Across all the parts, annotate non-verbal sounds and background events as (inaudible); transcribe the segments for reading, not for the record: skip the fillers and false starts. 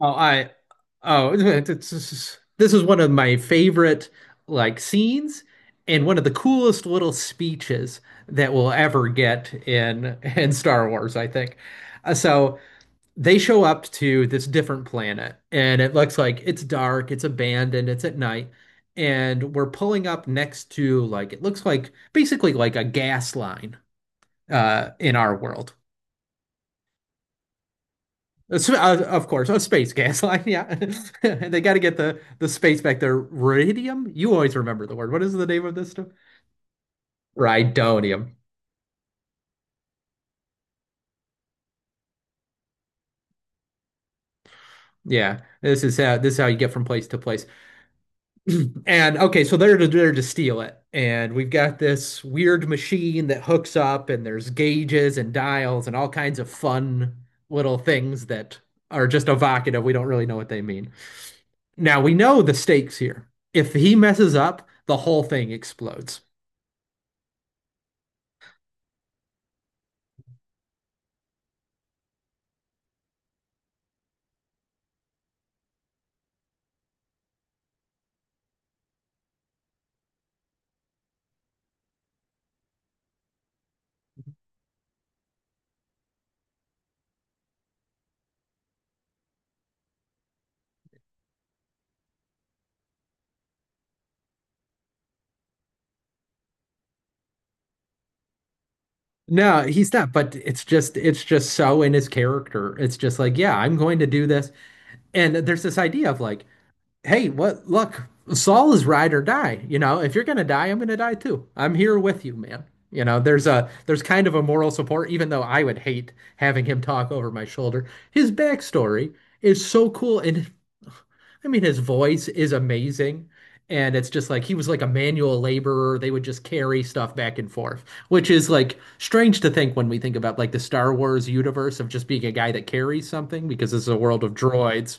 Oh, I oh, (laughs) this is one of my favorite like scenes and one of the coolest little speeches that we'll ever get in (laughs) in Star Wars, I think. So they show up to this different planet and it looks like it's dark, it's abandoned, it's at night, and we're pulling up next to like it looks like basically like a gas line in our world. Of course, a space gas line. Yeah, (laughs) and they got to get the space back there. Radium. You always remember the word. What is the name of this stuff? Rhydonium. Yeah, this is how you get from place to place. And okay, so they're to steal it, and we've got this weird machine that hooks up, and there's gauges and dials and all kinds of fun little things that are just evocative. We don't really know what they mean. Now we know the stakes here. If he messes up, the whole thing explodes. No, he's not, but it's just so in his character. It's just like, yeah, I'm going to do this. And there's this idea of like, hey, what? Look, Saul is ride or die. You know, if you're gonna die, I'm gonna die too. I'm here with you, man. You know, there's kind of a moral support, even though I would hate having him talk over my shoulder. His backstory is so cool, and I mean, his voice is amazing. And it's just like he was like a manual laborer. They would just carry stuff back and forth, which is like strange to think when we think about like the Star Wars universe of just being a guy that carries something because this is a world of droids.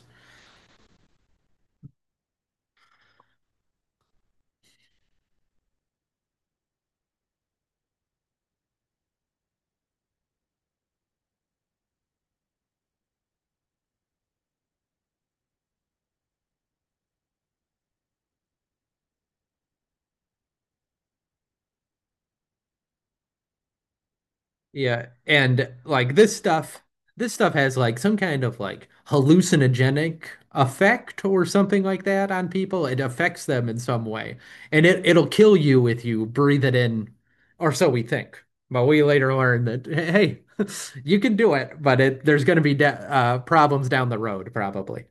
Yeah, and like this stuff has like some kind of like hallucinogenic effect or something like that on people. It affects them in some way, and it'll kill you if you breathe it in, or so we think. But we later learn that hey, (laughs) you can do it, but it there's going to be de problems down the road probably.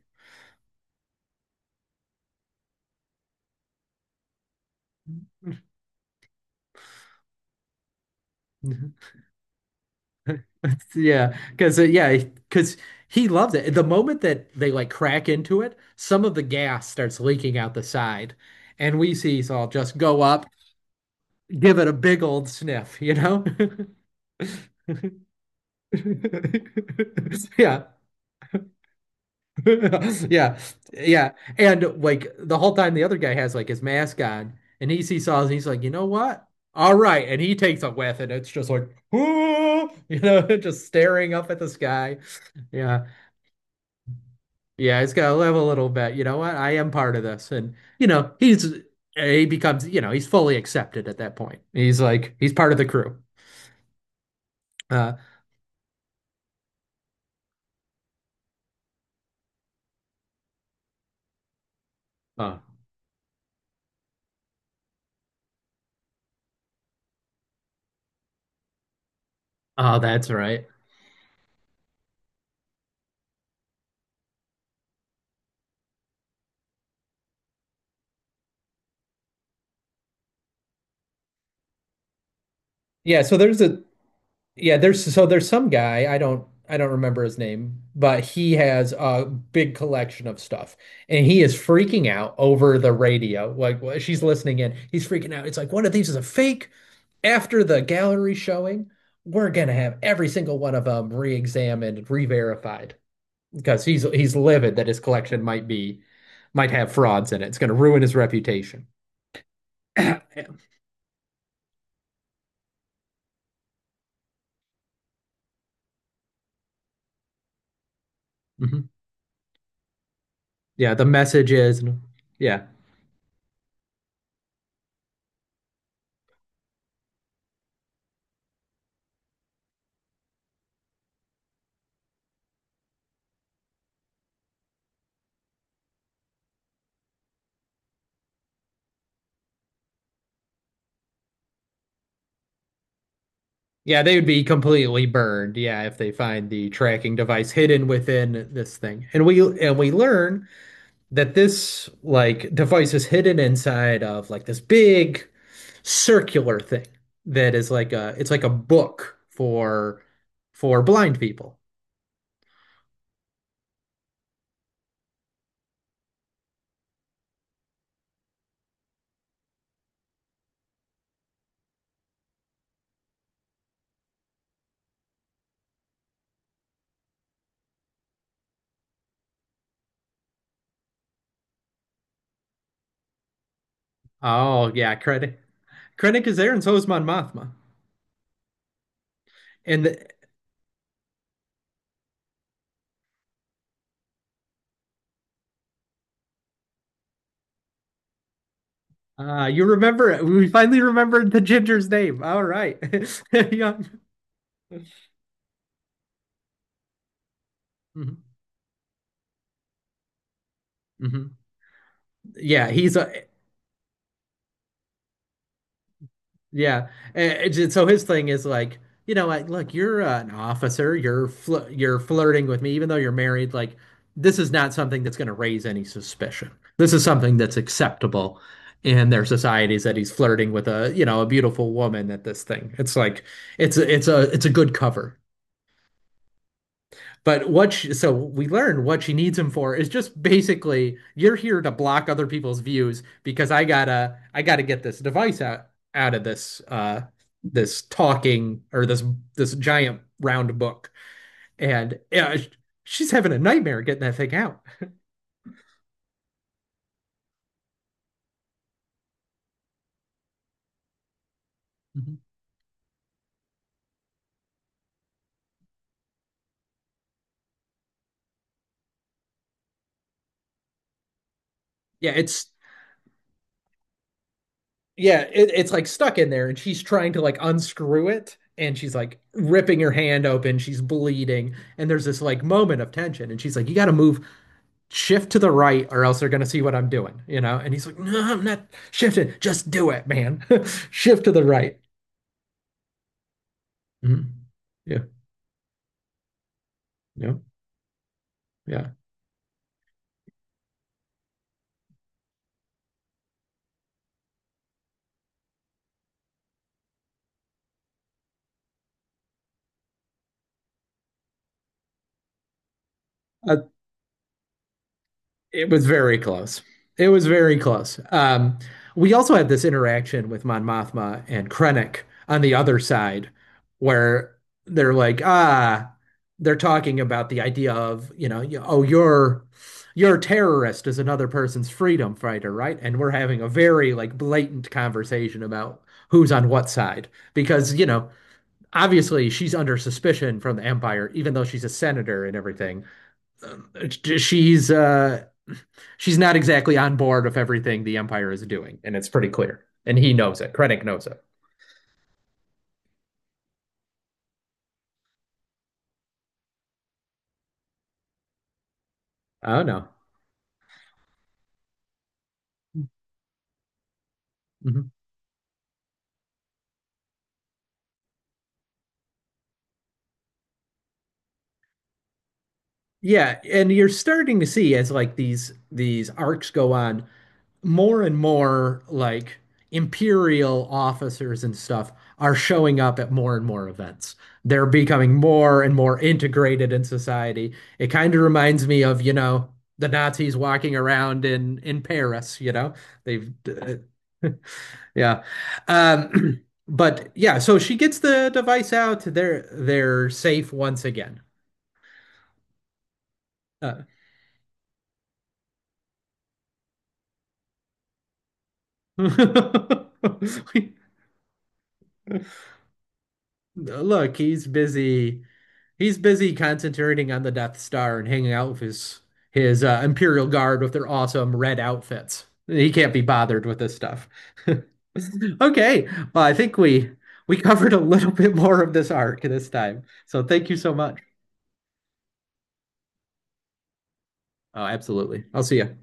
Mm-hmm. Yeah, because he loves it. The moment that they like crack into it, some of the gas starts leaking out the side, and we see Saul just go up, give it a big old sniff, you know? (laughs) Yeah. (laughs) Yeah. Yeah. And like the whole time the other guy has like his mask on and he sees Saul and he's like, you know what? All right. And he takes a whiff and it's just like, (laughs) you know, (laughs) just staring up at the sky. Yeah. Yeah, he's got to live a little bit. You know what? I am part of this. And, you know, he becomes, you know, he's fully accepted at that point. He's like, he's part of the crew. Uh, oh, oh, that's right. Yeah. So there's a, yeah, there's so there's some guy, I don't remember his name, but he has a big collection of stuff and he is freaking out over the radio. Like she's listening in, he's freaking out. It's like one of these is a fake. After the gallery showing, we're gonna have every single one of them re-examined re-verified because he's livid that his collection might have frauds in it. It's gonna ruin his reputation. (coughs) (clears throat) Mhm. Yeah, the message is yeah. Yeah, they would be completely burned, yeah, if they find the tracking device hidden within this thing. And we learn that this like device is hidden inside of like this big circular thing that is like a it's like a book for blind people. Oh yeah, Krennic is there and so is Mon Mothma. And the, you remember it. We finally remembered the ginger's name. All right. (laughs) Yeah. Mhm. Mhm. Yeah, he's a yeah. And it's so his thing is like, you know, like, look, you're an officer. You're fl you're flirting with me, even though you're married. Like, this is not something that's going to raise any suspicion. This is something that's acceptable in their societies that he's flirting with a, you know, a beautiful woman at this thing. It's like, it's a good cover. But what she, so we learned what she needs him for is just basically you're here to block other people's views because I gotta get this device out out of this this talking or this giant round book and yeah, she's having a nightmare getting that thing out. Mhm. Yeah, it's like stuck in there and she's trying to like unscrew it and she's like ripping her hand open, she's bleeding and there's this like moment of tension and she's like you gotta move shift to the right or else they're going to see what I'm doing, you know? And he's like, no, I'm not shifting. Just do it, man. (laughs) Shift to the right. Mhm. Yeah. Yeah. Yeah. Uh, It was very close. It was very close. We also had this interaction with Mon Mothma and Krennic on the other side, where they're like, ah, they're talking about the idea of, you know, you're a terrorist is another person's freedom fighter, right? And we're having a very like blatant conversation about who's on what side because, you know, obviously she's under suspicion from the Empire, even though she's a senator and everything. She's she's not exactly on board with everything the Empire is doing, and it's pretty clear. And he knows it. Krennic knows it. Oh no. Mm-hmm. Yeah, and you're starting to see as like these arcs go on, more and more like imperial officers and stuff are showing up at more and more events. They're becoming more and more integrated in society. It kind of reminds me of, you know, the Nazis walking around in Paris, you know. They've (laughs) yeah. Um (clears throat) but yeah, so she gets the device out. They're safe once again. Uh, (laughs) look, he's busy. He's busy concentrating on the Death Star and hanging out with his Imperial Guard with their awesome red outfits. He can't be bothered with this stuff. (laughs) Okay, well, I think we covered a little bit more of this arc this time. So thank you so much. Oh, absolutely. I'll see you.